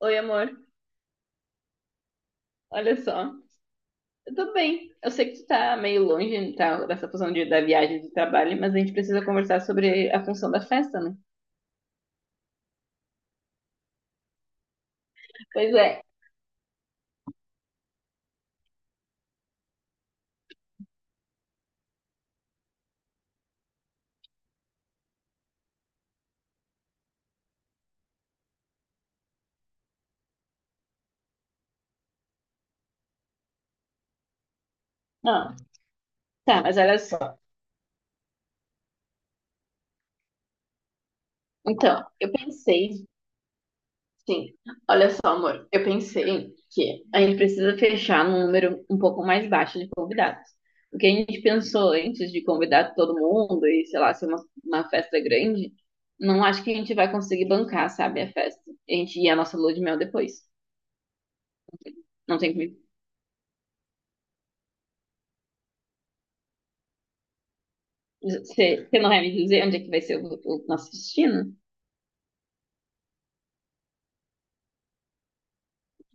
Oi, amor. Olha só. Eu tô bem. Eu sei que tu tá meio longe, tá, dessa da viagem de trabalho, mas a gente precisa conversar sobre a função da festa, né? Pois é. Não, tá, mas olha só. Então, eu pensei, sim. Olha só, amor. Eu pensei que a gente precisa fechar num número um pouco mais baixo de convidados. O que a gente pensou antes de convidar todo mundo e, sei lá, ser uma festa grande, não acho que a gente vai conseguir bancar, sabe, a festa. A gente ia a nossa lua de mel depois. Não tem Você não vai me dizer onde é que vai ser o nosso destino?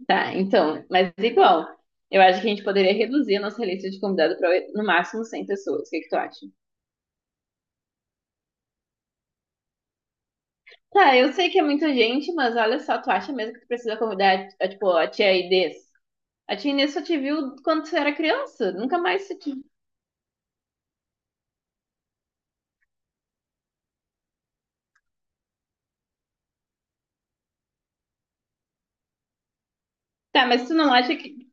Tá, então, mas igual, eu acho que a gente poderia reduzir a nossa lista de convidados para no máximo 100 pessoas. O que que tu acha? Tá, eu sei que é muita gente, mas olha só, tu acha mesmo que tu precisa convidar, tipo, a tia Inês? A tia Inês só te viu quando tu era criança, nunca mais se te... Tá, mas tu não acha que...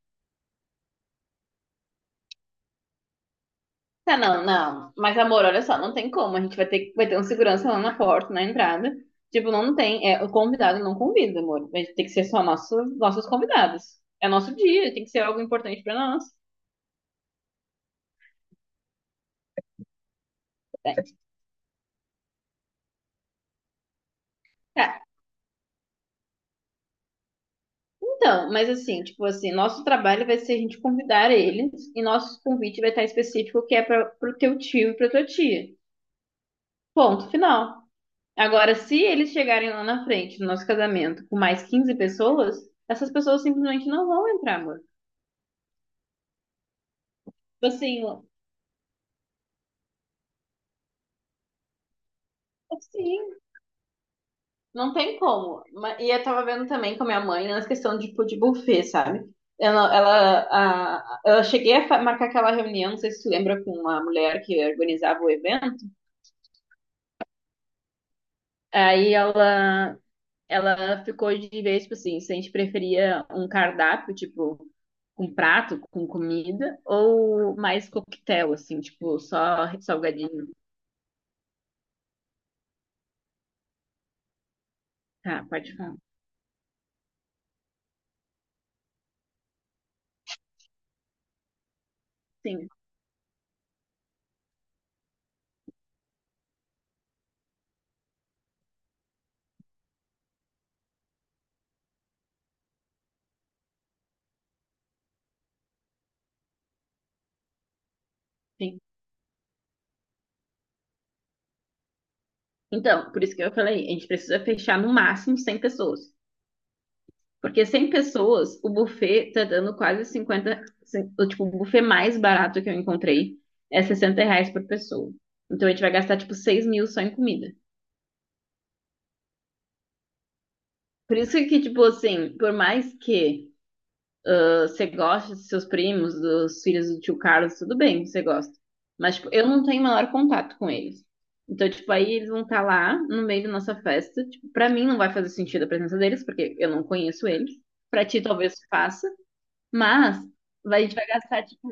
Tá, não, não. Mas, amor, olha só, não tem como. A gente vai ter um segurança lá na porta, na entrada. Tipo, não tem. É, o convidado não convida, amor. A gente tem que ser só nossos convidados. É nosso dia, tem que ser algo importante pra nós. É. Tá. Então, mas assim, tipo assim, nosso trabalho vai ser a gente convidar eles e nosso convite vai estar específico que é pro teu tio e pra tua tia. Ponto final. Agora, se eles chegarem lá na frente do nosso casamento com mais 15 pessoas, essas pessoas simplesmente não vão entrar, amor. Tipo assim, sim, não tem como. E eu tava vendo também com a minha mãe nessa questão de, tipo, de buffet, sabe? Eu cheguei a marcar aquela reunião, não sei se tu lembra, com uma mulher que organizava o evento. Aí ela ficou de vez, tipo assim, se a gente preferia um cardápio, tipo, com prato, com comida, ou mais coquetel, assim, tipo, só salgadinho. Tá, pode falar. Sim, sim. Então, por isso que eu falei, a gente precisa fechar no máximo 100 pessoas. Porque 100 pessoas, o buffet tá dando quase 50. Tipo, o buffet mais barato que eu encontrei é R$ 60 por pessoa. Então a gente vai gastar, tipo, 6 mil só em comida. Por isso que, tipo assim, por mais que você goste dos seus primos, dos filhos do tio Carlos, tudo bem, você gosta. Mas, tipo, eu não tenho maior contato com eles. Então, tipo, aí eles vão estar lá no meio da nossa festa. Tipo, pra mim não vai fazer sentido a presença deles, porque eu não conheço eles. Pra ti talvez faça, mas vai- a gente vai gastar, tipo,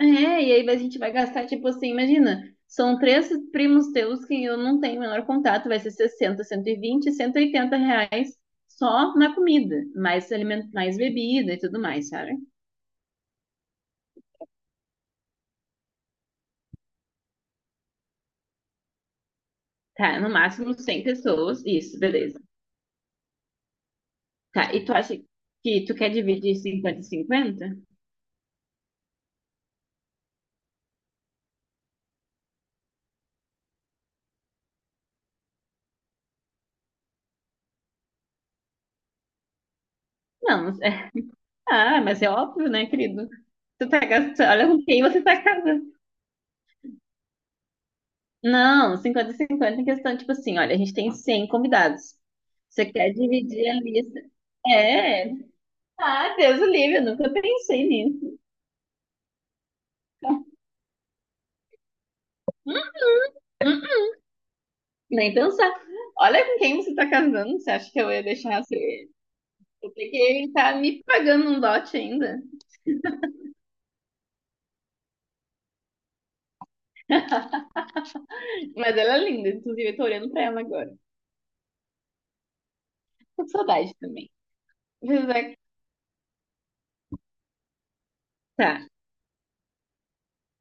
É, e aí a gente vai gastar, tipo assim, imagina, são três primos teus que eu não tenho o menor contato, vai ser 60, 120, 180 reais só na comida, mais alimento, mais bebida e tudo mais, sabe? Tá, no máximo 100 pessoas, isso, beleza. Tá, e tu acha que tu quer dividir 50-50. Não, é, ah, mas é óbvio, né, querido? Tu tá gastando, olha com quem você tá casando. Não, 50-50 em questão, tipo assim, olha, a gente tem 100 convidados. Você quer dividir a lista? É. Ah, Deus o livre, eu nunca pensei nisso. Nem pensar. Olha com quem você tá casando, você acha que eu ia deixar você? Eu peguei, tá me pagando um dote ainda. Mas ela é linda, inclusive eu tô olhando pra ela agora. Tô com saudade também. Mas é- Tá.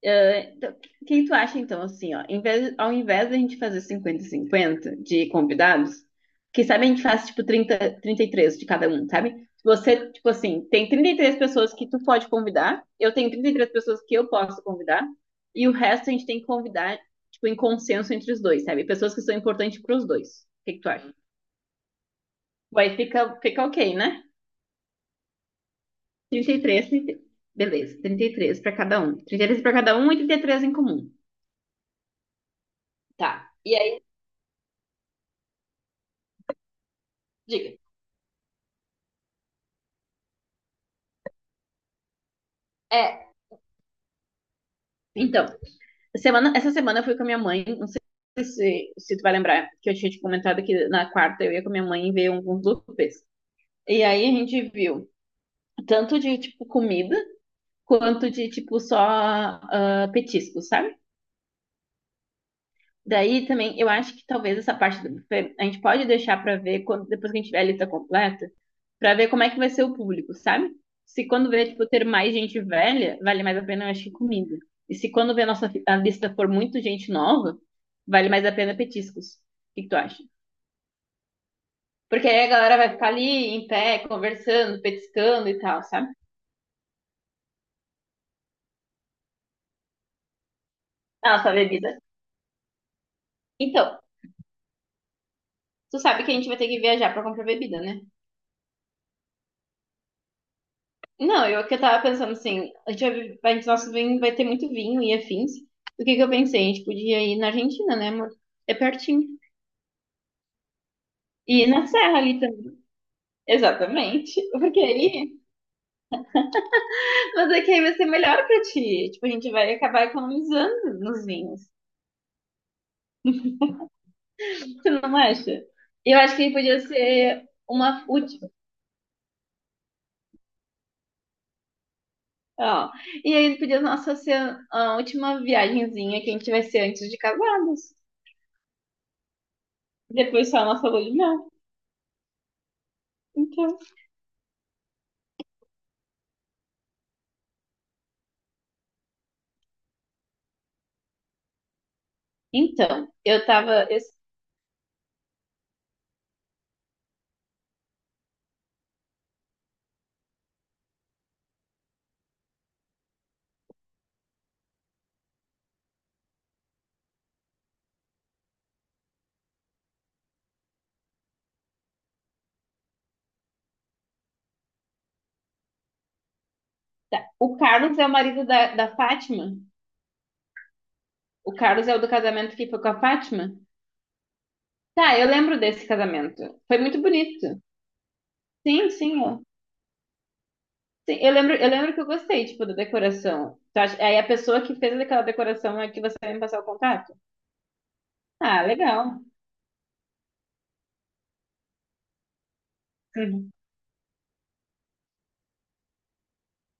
Então, quem tu acha, então, assim, ó, ao invés da gente fazer 50-50 de convidados, que sabe a gente faz, tipo, 30, 33 de cada um, sabe? Você, tipo assim, tem 33 pessoas que tu pode convidar, eu tenho 33 pessoas que eu posso convidar, e o resto a gente tem que convidar, tipo, em consenso entre os dois, sabe? Pessoas que são importantes para os dois. O que que tu acha? Vai, fica ok, né? 33, 33. Beleza, 33 para cada um. 33 para cada um e 33 em comum. Tá. E aí, diga. É, então, essa semana eu fui com a minha mãe, não sei se tu vai lembrar, que eu tinha te comentado que na quarta eu ia com a minha mãe ver alguns buffets. E aí a gente viu tanto de, tipo, comida, quanto de, tipo, só petiscos, sabe? Daí também, eu acho que talvez essa parte do buffet a gente pode deixar pra ver quando, depois que a gente tiver a lista completa, pra ver como é que vai ser o público, sabe? Se quando vê, tipo, ter mais gente velha, vale mais a pena, eu acho que comida. E se quando vê a a lista for muito gente nova, vale mais a pena petiscos. O que que tu acha? Porque aí a galera vai ficar ali em pé, conversando, petiscando e tal, sabe? Ah, só bebida. Então, tu sabe que a gente vai ter que viajar pra comprar bebida, né? Não, eu que eu tava pensando assim, a gente nosso vinho vai ter muito vinho e afins. O que que eu pensei? A gente podia ir na Argentina, né, amor? É pertinho. E na serra ali também. Exatamente. Porque aí, mas é que aí vai ser melhor pra ti. Tipo, a gente vai acabar economizando nos vinhos. Tu não acha? Eu acho que podia ser uma última. Ó. E aí podia nossa ser a última viagenzinha que a gente vai ser antes de casados. Depois só a nossa lua de mel. Então. Então, eu tava. Tá. O Carlos é o marido da Fátima? O Carlos é o do casamento que foi com a Fátima? Tá, eu lembro desse casamento. Foi muito bonito. Sim, sim, ó. Sim, eu lembro que eu gostei, tipo, da decoração. Aí a pessoa que fez aquela decoração é que você vai me passar o contato? Ah, legal. Uhum.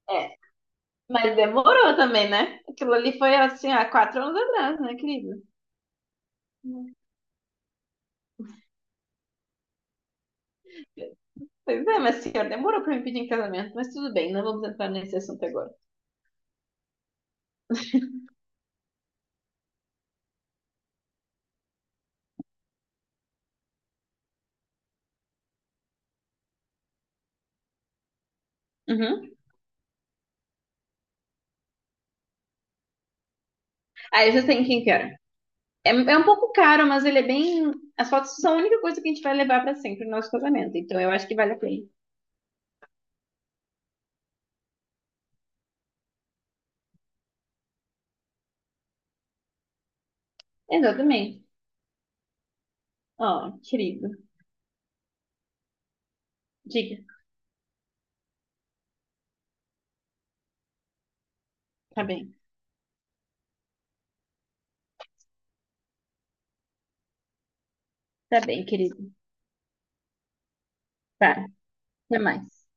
É, mas demorou também, né? Aquilo ali foi assim, há 4 anos atrás, né, querido? Uhum. Pois é, mas senhor, demorou pra me pedir em casamento, mas tudo bem, não vamos entrar nesse assunto agora. Uhum. Aí vocês têm quem que era? É, é um pouco caro, mas ele é bem. As fotos são a única coisa que a gente vai levar pra sempre no nosso casamento. Então eu acho que vale a pena. Exatamente. Ó, querido. Diga. Tá bem. Tá bem, querido. Tá. Até mais.